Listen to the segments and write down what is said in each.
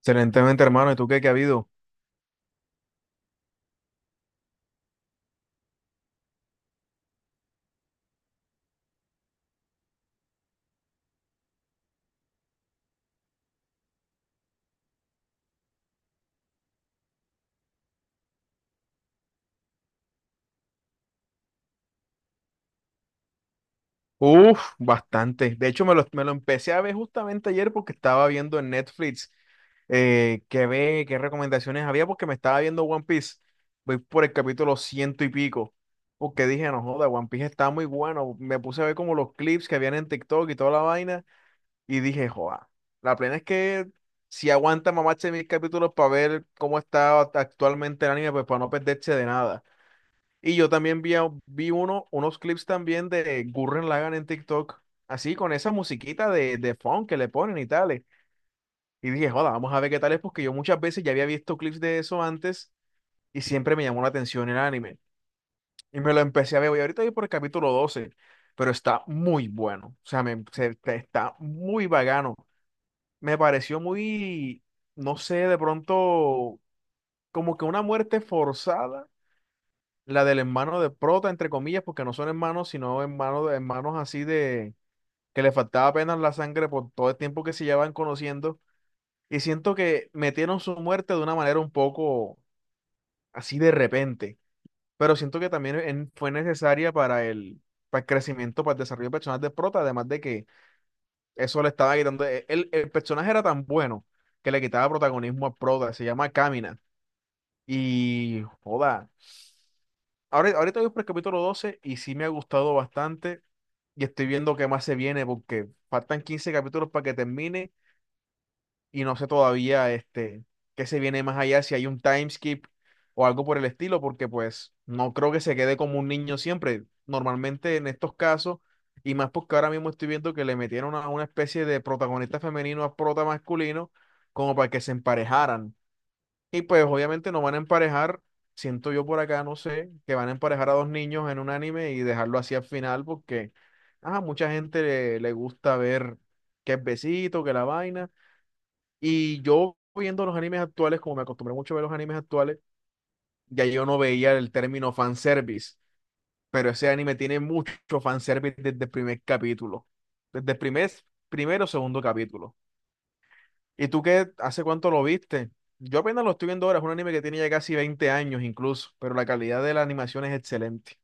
Excelentemente, hermano. ¿Y tú qué ha habido? Uf, bastante. De hecho, me lo empecé a ver justamente ayer porque estaba viendo en Netflix qué recomendaciones había, porque me estaba viendo One Piece. Voy por el capítulo ciento y pico. Porque dije, no joda, One Piece está muy bueno. Me puse a ver como los clips que habían en TikTok y toda la vaina. Y dije, joda, la plena es que si aguanta mamarse mil capítulos para ver cómo está actualmente el anime, pues para no perderse de nada. Y yo también vi unos clips también de Gurren Lagann en TikTok, así con esa musiquita de funk que le ponen y tales. Y dije, joda, vamos a ver qué tal es, porque yo muchas veces ya había visto clips de eso antes y siempre me llamó la atención el anime. Y me lo empecé a ver, y ahorita voy por el capítulo 12, pero está muy bueno. O sea, está muy vagano. Me pareció muy, no sé, de pronto como que una muerte forzada. La del hermano de prota, entre comillas, porque no son hermanos, sino hermanos, hermanos así de que le faltaba apenas la sangre por todo el tiempo que se llevan conociendo. Y siento que metieron su muerte de una manera un poco así, de repente. Pero siento que también fue necesaria para para el crecimiento, para el desarrollo personal de prota, además de que eso le estaba quitando. El personaje era tan bueno que le quitaba protagonismo a prota, se llama Camina. Y joda. Ahora, ahorita voy por el capítulo 12 y sí me ha gustado bastante. Y estoy viendo qué más se viene porque faltan 15 capítulos para que termine y no sé todavía qué se viene más allá, si hay un time skip o algo por el estilo, porque pues no creo que se quede como un niño siempre. Normalmente en estos casos, y más porque ahora mismo estoy viendo que le metieron a una especie de protagonista femenino a prota masculino como para que se emparejaran. Y pues obviamente no van a emparejar, siento yo por acá, no sé, que van a emparejar a dos niños en un anime y dejarlo así al final porque a mucha gente le gusta ver que es besito, que la vaina. Y yo viendo los animes actuales, como me acostumbré mucho a ver los animes actuales, ya yo no veía el término fanservice, pero ese anime tiene mucho fanservice desde el primer capítulo, desde primero o segundo capítulo. ¿Y tú qué? ¿Hace cuánto lo viste? Yo apenas lo estoy viendo ahora, es un anime que tiene ya casi 20 años incluso, pero la calidad de la animación es excelente.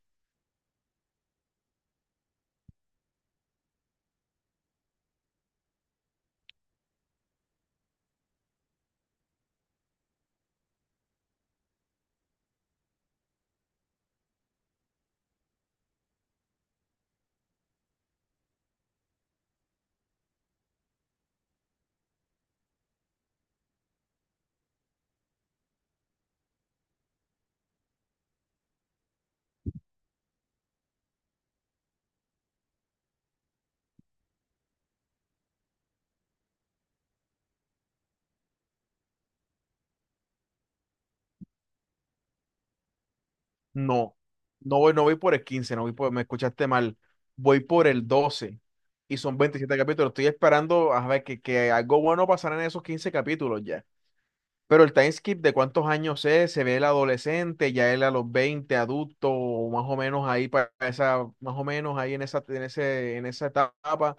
No, no voy por el 15, no voy por, me escuchaste mal, voy por el 12 y son 27 capítulos. Estoy esperando a ver que algo bueno pasará en esos 15 capítulos ya. Pero el time skip de cuántos años es, se ve el adolescente, ya él a los 20 adulto, o más o menos ahí para esa, más o menos ahí en esa, en esa etapa.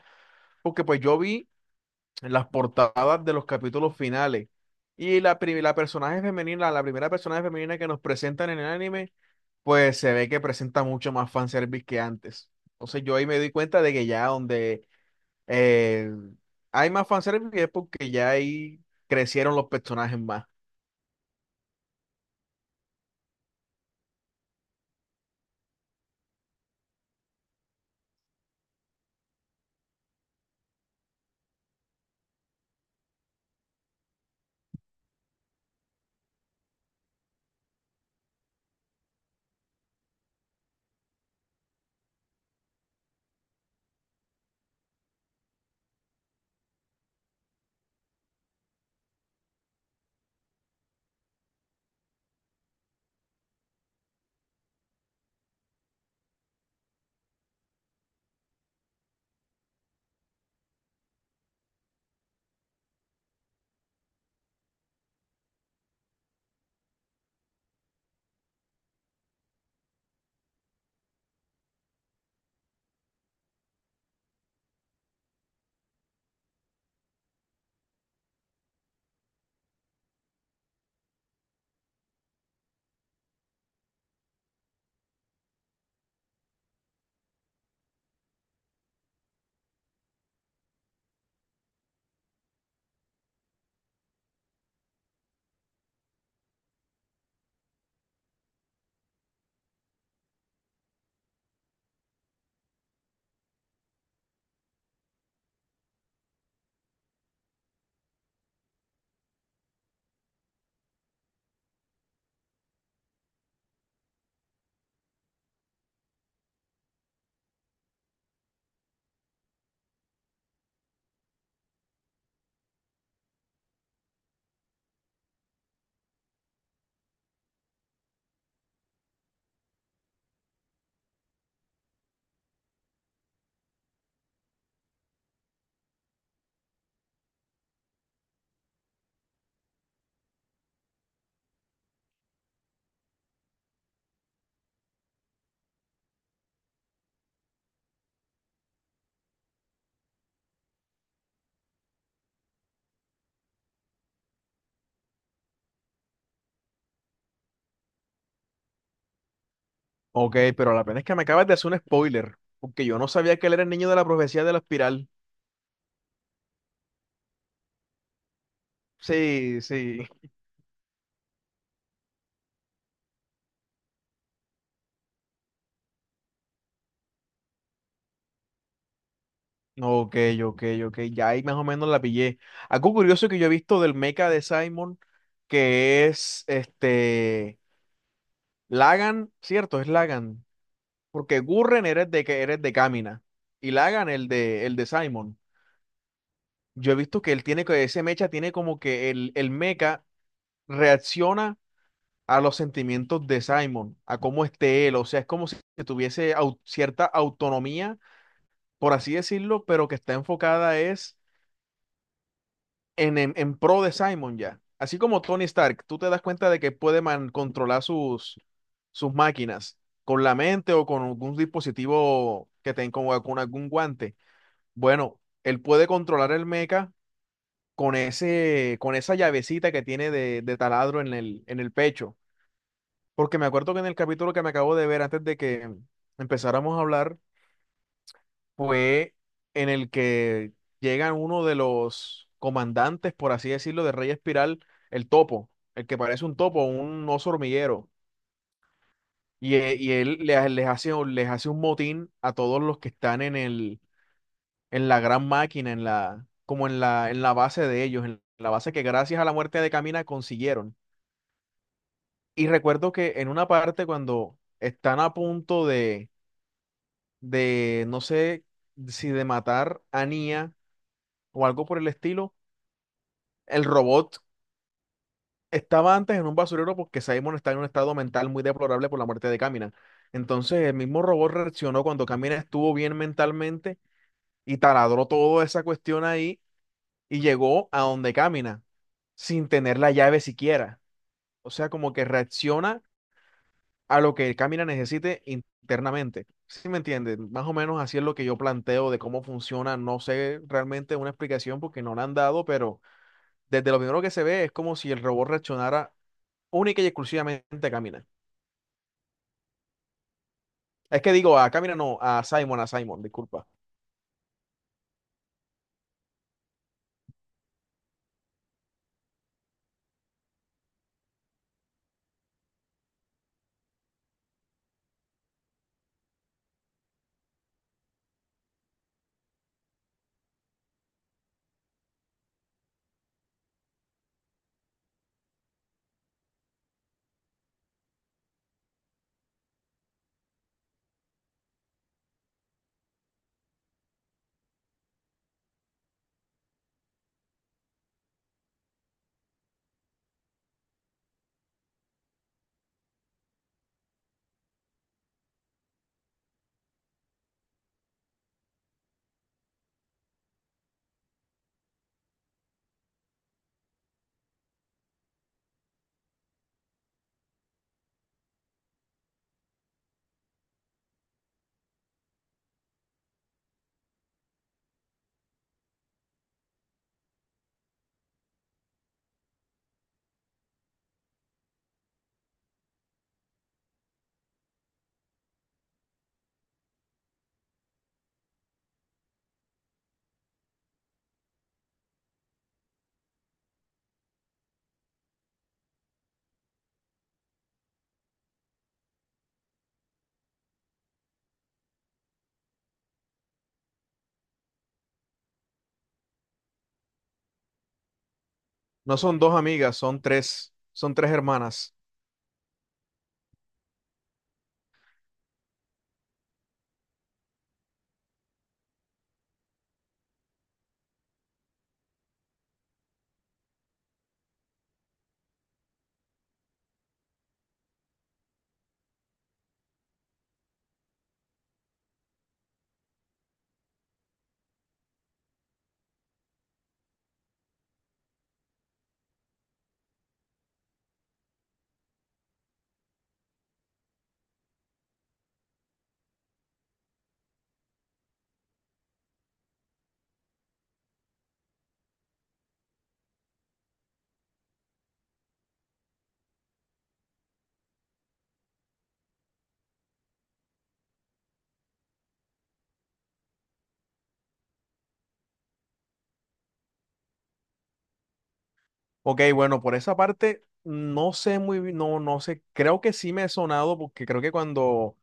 Porque pues yo vi las portadas de los capítulos finales. Y la personaje femenina, la primera personaje femenina que nos presentan en el anime, pues se ve que presenta mucho más fanservice que antes. Entonces yo ahí me di cuenta de que ya donde eh, hay más fanservice es porque ya ahí crecieron los personajes más. Ok, pero la pena es que me acabas de hacer un spoiler, porque yo no sabía que él era el niño de la profecía de la espiral. Sí, sí. Ok, ok, ok. Ya ahí más o menos la pillé. Algo curioso que yo he visto del mecha de Simon, que es este Lagan, cierto, es Lagan. Porque Gurren eres de que eres de Kamina. Y Lagan, el de Simon. Yo he visto que él tiene que ese mecha tiene como que el mecha reacciona a los sentimientos de Simon, a cómo esté él. O sea, es como si tuviese cierta autonomía, por así decirlo, pero que está enfocada, es en, en pro de Simon ya. Así como Tony Stark, tú te das cuenta de que puede controlar sus máquinas con la mente o con algún dispositivo que tenga con algún guante. Bueno, él puede controlar el mecha con ese, con esa llavecita que tiene de taladro en el pecho. Porque me acuerdo que en el capítulo que me acabo de ver antes de que empezáramos a hablar, fue en el que llega uno de los comandantes, por así decirlo, de Rey Espiral, el topo, el que parece un topo, un oso hormiguero. Y él les hace un motín a todos los que están en el, en la gran máquina, en la base de ellos, en la base que gracias a la muerte de Camina consiguieron. Y recuerdo que en una parte cuando están a punto de, no sé si de matar a Nia o algo por el estilo, el robot estaba antes en un basurero porque Simon está en un estado mental muy deplorable por la muerte de Kamina. Entonces el mismo robot reaccionó cuando Kamina estuvo bien mentalmente y taladró toda esa cuestión ahí y llegó a donde Kamina sin tener la llave siquiera. O sea, como que reacciona a lo que Kamina necesite internamente. ¿Sí me entiendes? Más o menos así es lo que yo planteo de cómo funciona. No sé realmente una explicación porque no la han dado, pero desde lo primero que se ve es como si el robot reaccionara única y exclusivamente a Camina. Es que digo, a Camina no, a Simon, disculpa. No son dos amigas, son tres hermanas. Ok, bueno, por esa parte no sé muy bien, no, no sé, creo que sí me he sonado porque creo que cuando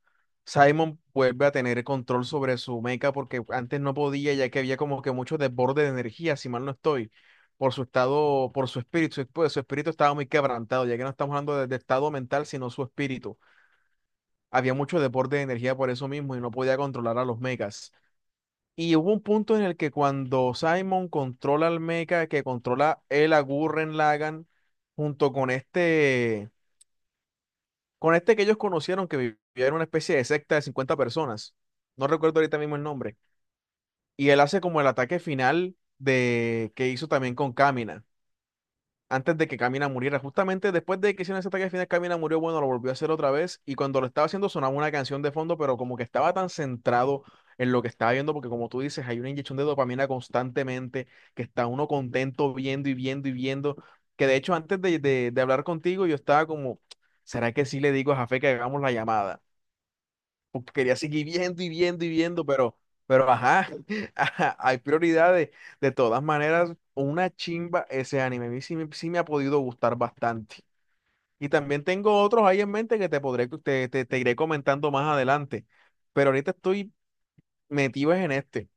Simon vuelve a tener control sobre su meca, porque antes no podía, ya que había como que mucho desborde de energía, si mal no estoy, por su estado, por su espíritu, pues, su espíritu estaba muy quebrantado, ya que no estamos hablando de estado mental, sino su espíritu. Había mucho deporte de energía por eso mismo y no podía controlar a los mechas. Y hubo un punto en el que cuando Simon controla al mecha, que controla él a Gurren Lagann, junto con este que ellos conocieron, que vivía en una especie de secta de 50 personas. No recuerdo ahorita mismo el nombre. Y él hace como el ataque final de que hizo también con Kamina, antes de que Camina muriera. Justamente después de que hicieron ese ataque final, Camina murió, bueno, lo volvió a hacer otra vez y cuando lo estaba haciendo sonaba una canción de fondo, pero como que estaba tan centrado en lo que estaba viendo, porque como tú dices, hay una inyección de dopamina constantemente, que está uno contento viendo y viendo y viendo, que de hecho antes de hablar contigo yo estaba como, ¿será que sí le digo a Jafé que hagamos la llamada? Porque quería seguir viendo y viendo y viendo, pero, ajá, ajá, hay prioridades. De todas maneras, una chimba ese anime. A mí sí, me ha podido gustar bastante. Y también tengo otros ahí en mente que te podré, te iré comentando más adelante. Pero ahorita estoy metido en este.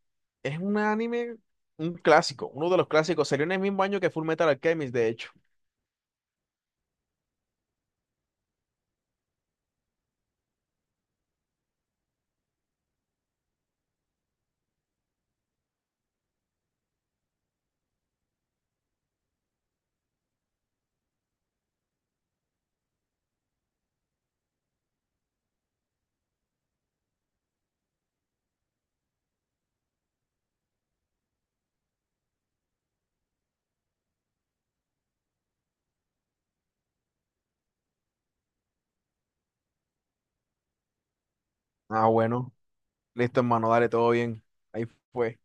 Es un anime, un clásico, uno de los clásicos. Salió en el mismo año que Full Metal Alchemist, de hecho. Ah, bueno. Listo, hermano, dale, todo bien. Ahí fue.